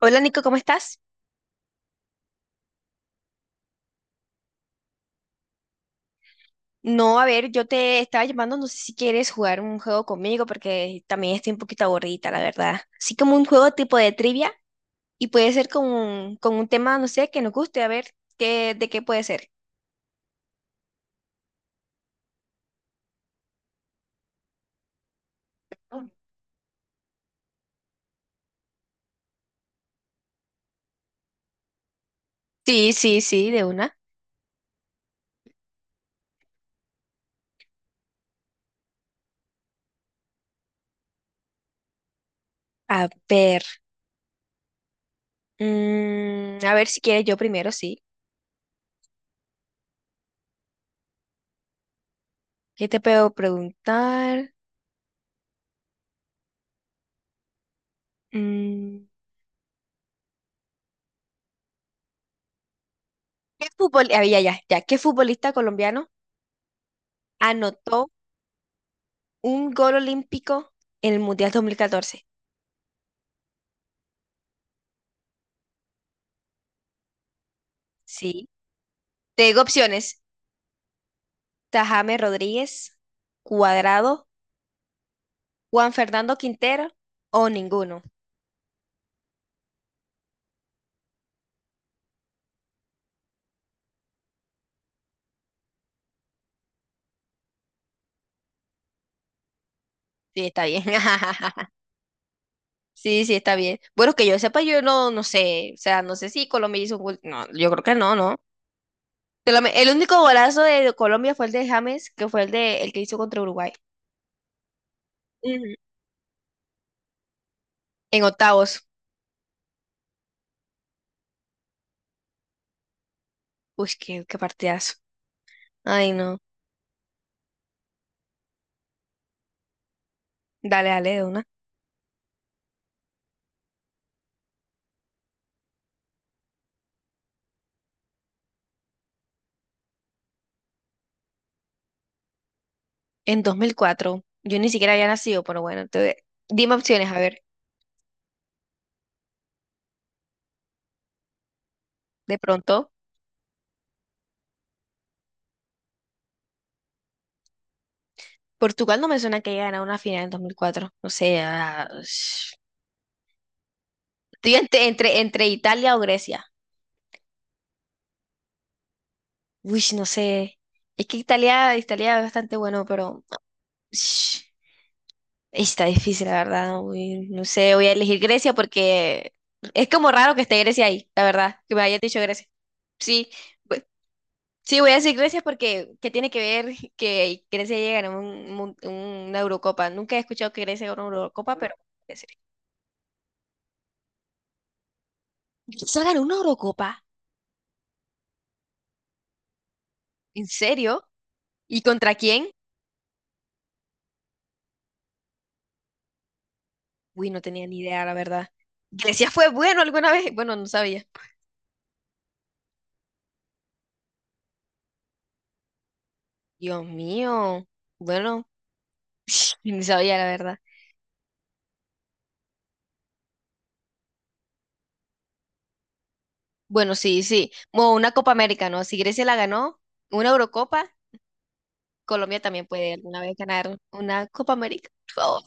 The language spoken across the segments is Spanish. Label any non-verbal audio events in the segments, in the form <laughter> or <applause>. Hola Nico, ¿cómo estás? No, a ver, yo te estaba llamando, no sé si quieres jugar un juego conmigo porque también estoy un poquito aburrida, la verdad. Así como un juego tipo de trivia y puede ser con un tema, no sé, que nos guste, a ver, qué, de qué puede ser. Sí, sí, sí, de una. A ver, a ver si quieres yo primero, sí. ¿Qué te puedo preguntar? Mm, ah, ya, ya, ya, ¿qué futbolista colombiano anotó un gol olímpico en el Mundial 2014? Sí. Te digo opciones. Tajame Rodríguez, Cuadrado, Juan Fernando Quintero o ninguno. Sí, está bien. <laughs> Sí, sí, está bien. Bueno, que yo sepa, yo no, no sé. O sea, no sé si Colombia hizo un gol. No, yo creo que no, ¿no? El único golazo de Colombia fue el de James, que fue el de el que hizo contra Uruguay. Ujú. En octavos. Uy, qué partidazo. Ay, no. Dale, dale, de una. En 2004. Yo ni siquiera había nacido, pero bueno. Entonces. Dime opciones, a ver. De pronto. Portugal no me suena que haya ganado una final en 2004. No sé. Estoy entre Italia o Grecia. Uy, no sé. Es que Italia, Italia es bastante bueno, pero sh, está difícil, la verdad. Uy, no sé, voy a elegir Grecia porque es como raro que esté Grecia ahí, la verdad, que me hayas dicho Grecia. Sí, bu- sí, voy a decir Grecia porque ¿qué tiene que ver que Grecia llegue a ganar una Eurocopa? Nunca he escuchado que Grecia gane una Eurocopa, pero voy a decir. ¿Solo ganó una Eurocopa? ¿En serio? ¿Y contra quién? Uy, no tenía ni idea, la verdad. ¿Grecia fue bueno alguna vez? <laughs> Bueno, no sabía. Dios mío. Bueno, <sniffs> <tsk> ni sabía, la verdad. Bueno, sí, sí. Bueno, una Copa América, ¿no? Si Grecia la ganó, una Eurocopa, Colombia también puede alguna vez ganar una Copa América. Por favor.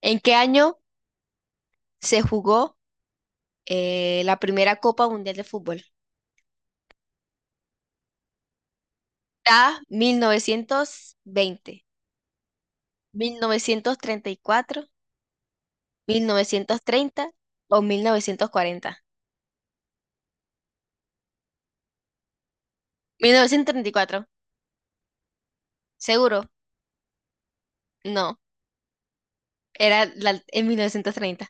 ¿En qué año se jugó la primera Copa Mundial de Fútbol? A, mil novecientos veinte, 1934, 1930 o 1940. 1934 seguro. No, era en 1930.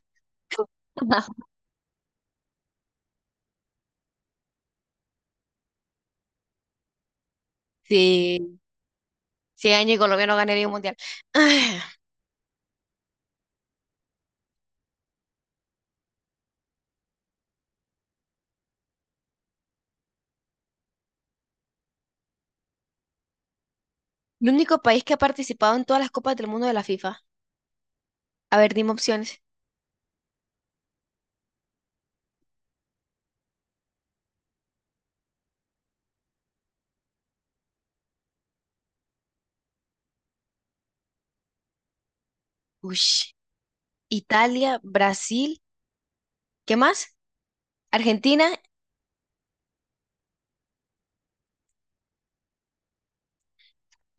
Ajá. <laughs> Sí, 100 años y Colombia no ganaría un mundial. <sighs> Ah, el único país que ha participado en todas las copas del mundo de la FIFA. A ver, dime opciones. Ush, Italia, Brasil, ¿qué más? Argentina.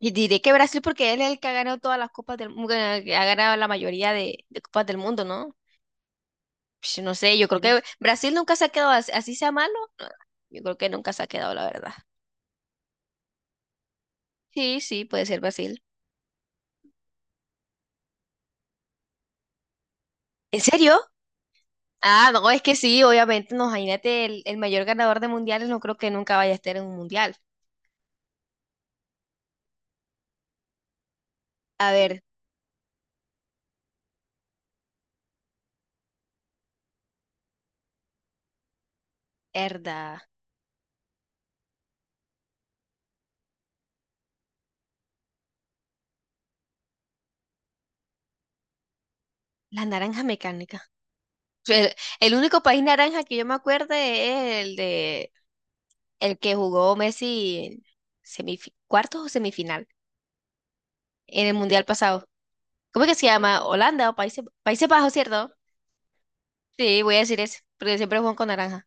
Y diré que Brasil porque él es el que ha ganado todas las copas del mundo, que ha ganado la mayoría de copas del mundo, ¿no? Ush, no sé, yo creo que Brasil nunca se ha quedado así, sea malo. No, yo creo que nunca se ha quedado, la verdad. Sí, sí, puede ser Brasil. ¿En serio? Ah, no, es que sí, obviamente, no, imagínate, el mayor ganador de mundiales no creo que nunca vaya a estar en un mundial. A ver, herda, la naranja mecánica. El único país naranja que yo me acuerdo es el de el que jugó Messi cuartos o semifinal en el mundial pasado. ¿Cómo es que se llama? Holanda o Países, Países Bajos, ¿cierto? Sí, voy a decir eso, porque siempre juegan con naranja.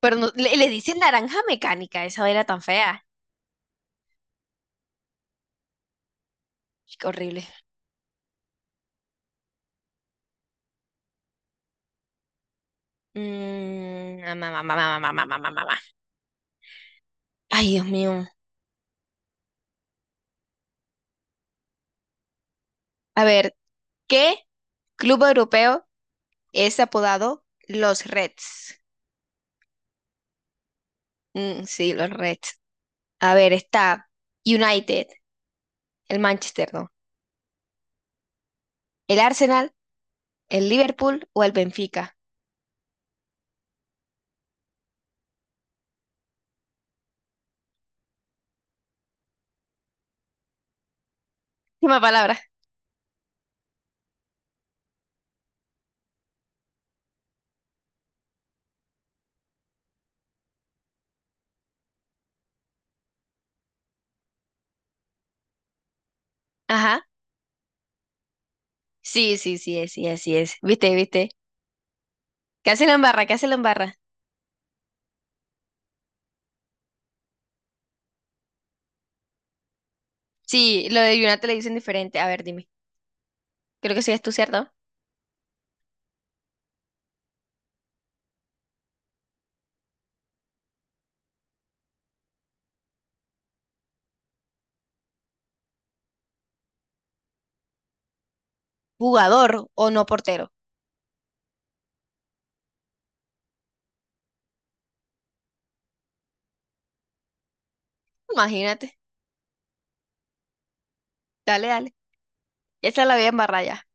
Pero le dicen naranja mecánica, esa era tan fea. Qué horrible. Ma, ma, ma, ma. Ay, Dios mío. A ver, ¿qué club europeo es apodado los Reds? Sí, los Reds. A ver, está United, el Manchester, ¿no? El Arsenal, el Liverpool o el Benfica. Última palabra. Ajá. Sí, sí, sí, es, sí, así es. ¿Viste, viste? ¿Qué hace la embarra? ¿Qué hace la embarra? Sí, lo de United le dicen diferente. A ver, dime. Creo que sí es tú, ¿cierto? Jugador o no portero. Imagínate. Dale, dale. Esa la voy a embarrar ya.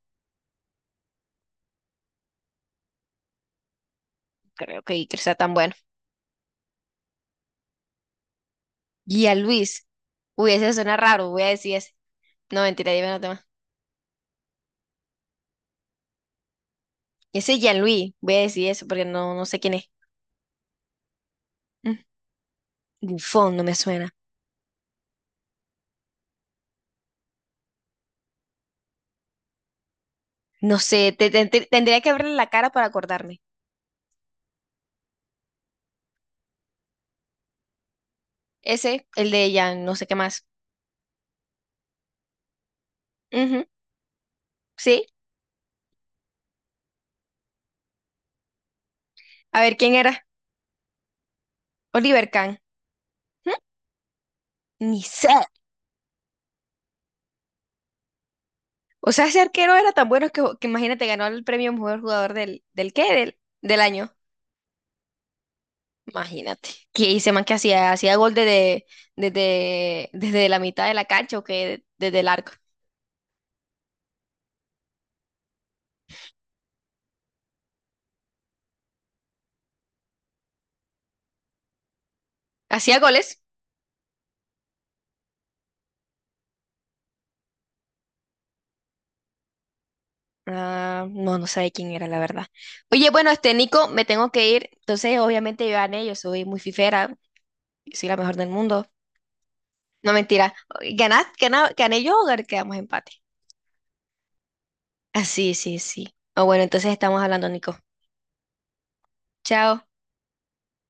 Creo que Iker sea tan bueno. Luis Uy, ese suena raro. Voy a decir ese. No, mentira, dime otro más. Ese Gianluis. Voy a decir eso porque no, no sé quién es. Mm, Buffon no me suena. No sé, tendría que verle la cara para acordarme. Ese, el de Jan, no sé qué más. Ujú, sí. A ver, ¿quién era? Oliver Kahn. ¿Mm? Ni sé. O sea, ese arquero era tan bueno que imagínate, ganó el premio mejor jugador del, ¿del qué? Del año. Imagínate. Que hice más que hacía gol desde la mitad de la cancha o que desde el arco. ¿Hacía goles? Ah, no, no sabía quién era, la verdad. Oye, bueno, este Nico, me tengo que ir. Entonces, obviamente, yo gané, yo soy muy fifera, soy la mejor del mundo. No, mentira. ¿Gané yo o quedamos empate? Ah, sí, sí, sí. Ah, bueno, entonces estamos hablando, Nico. Chao.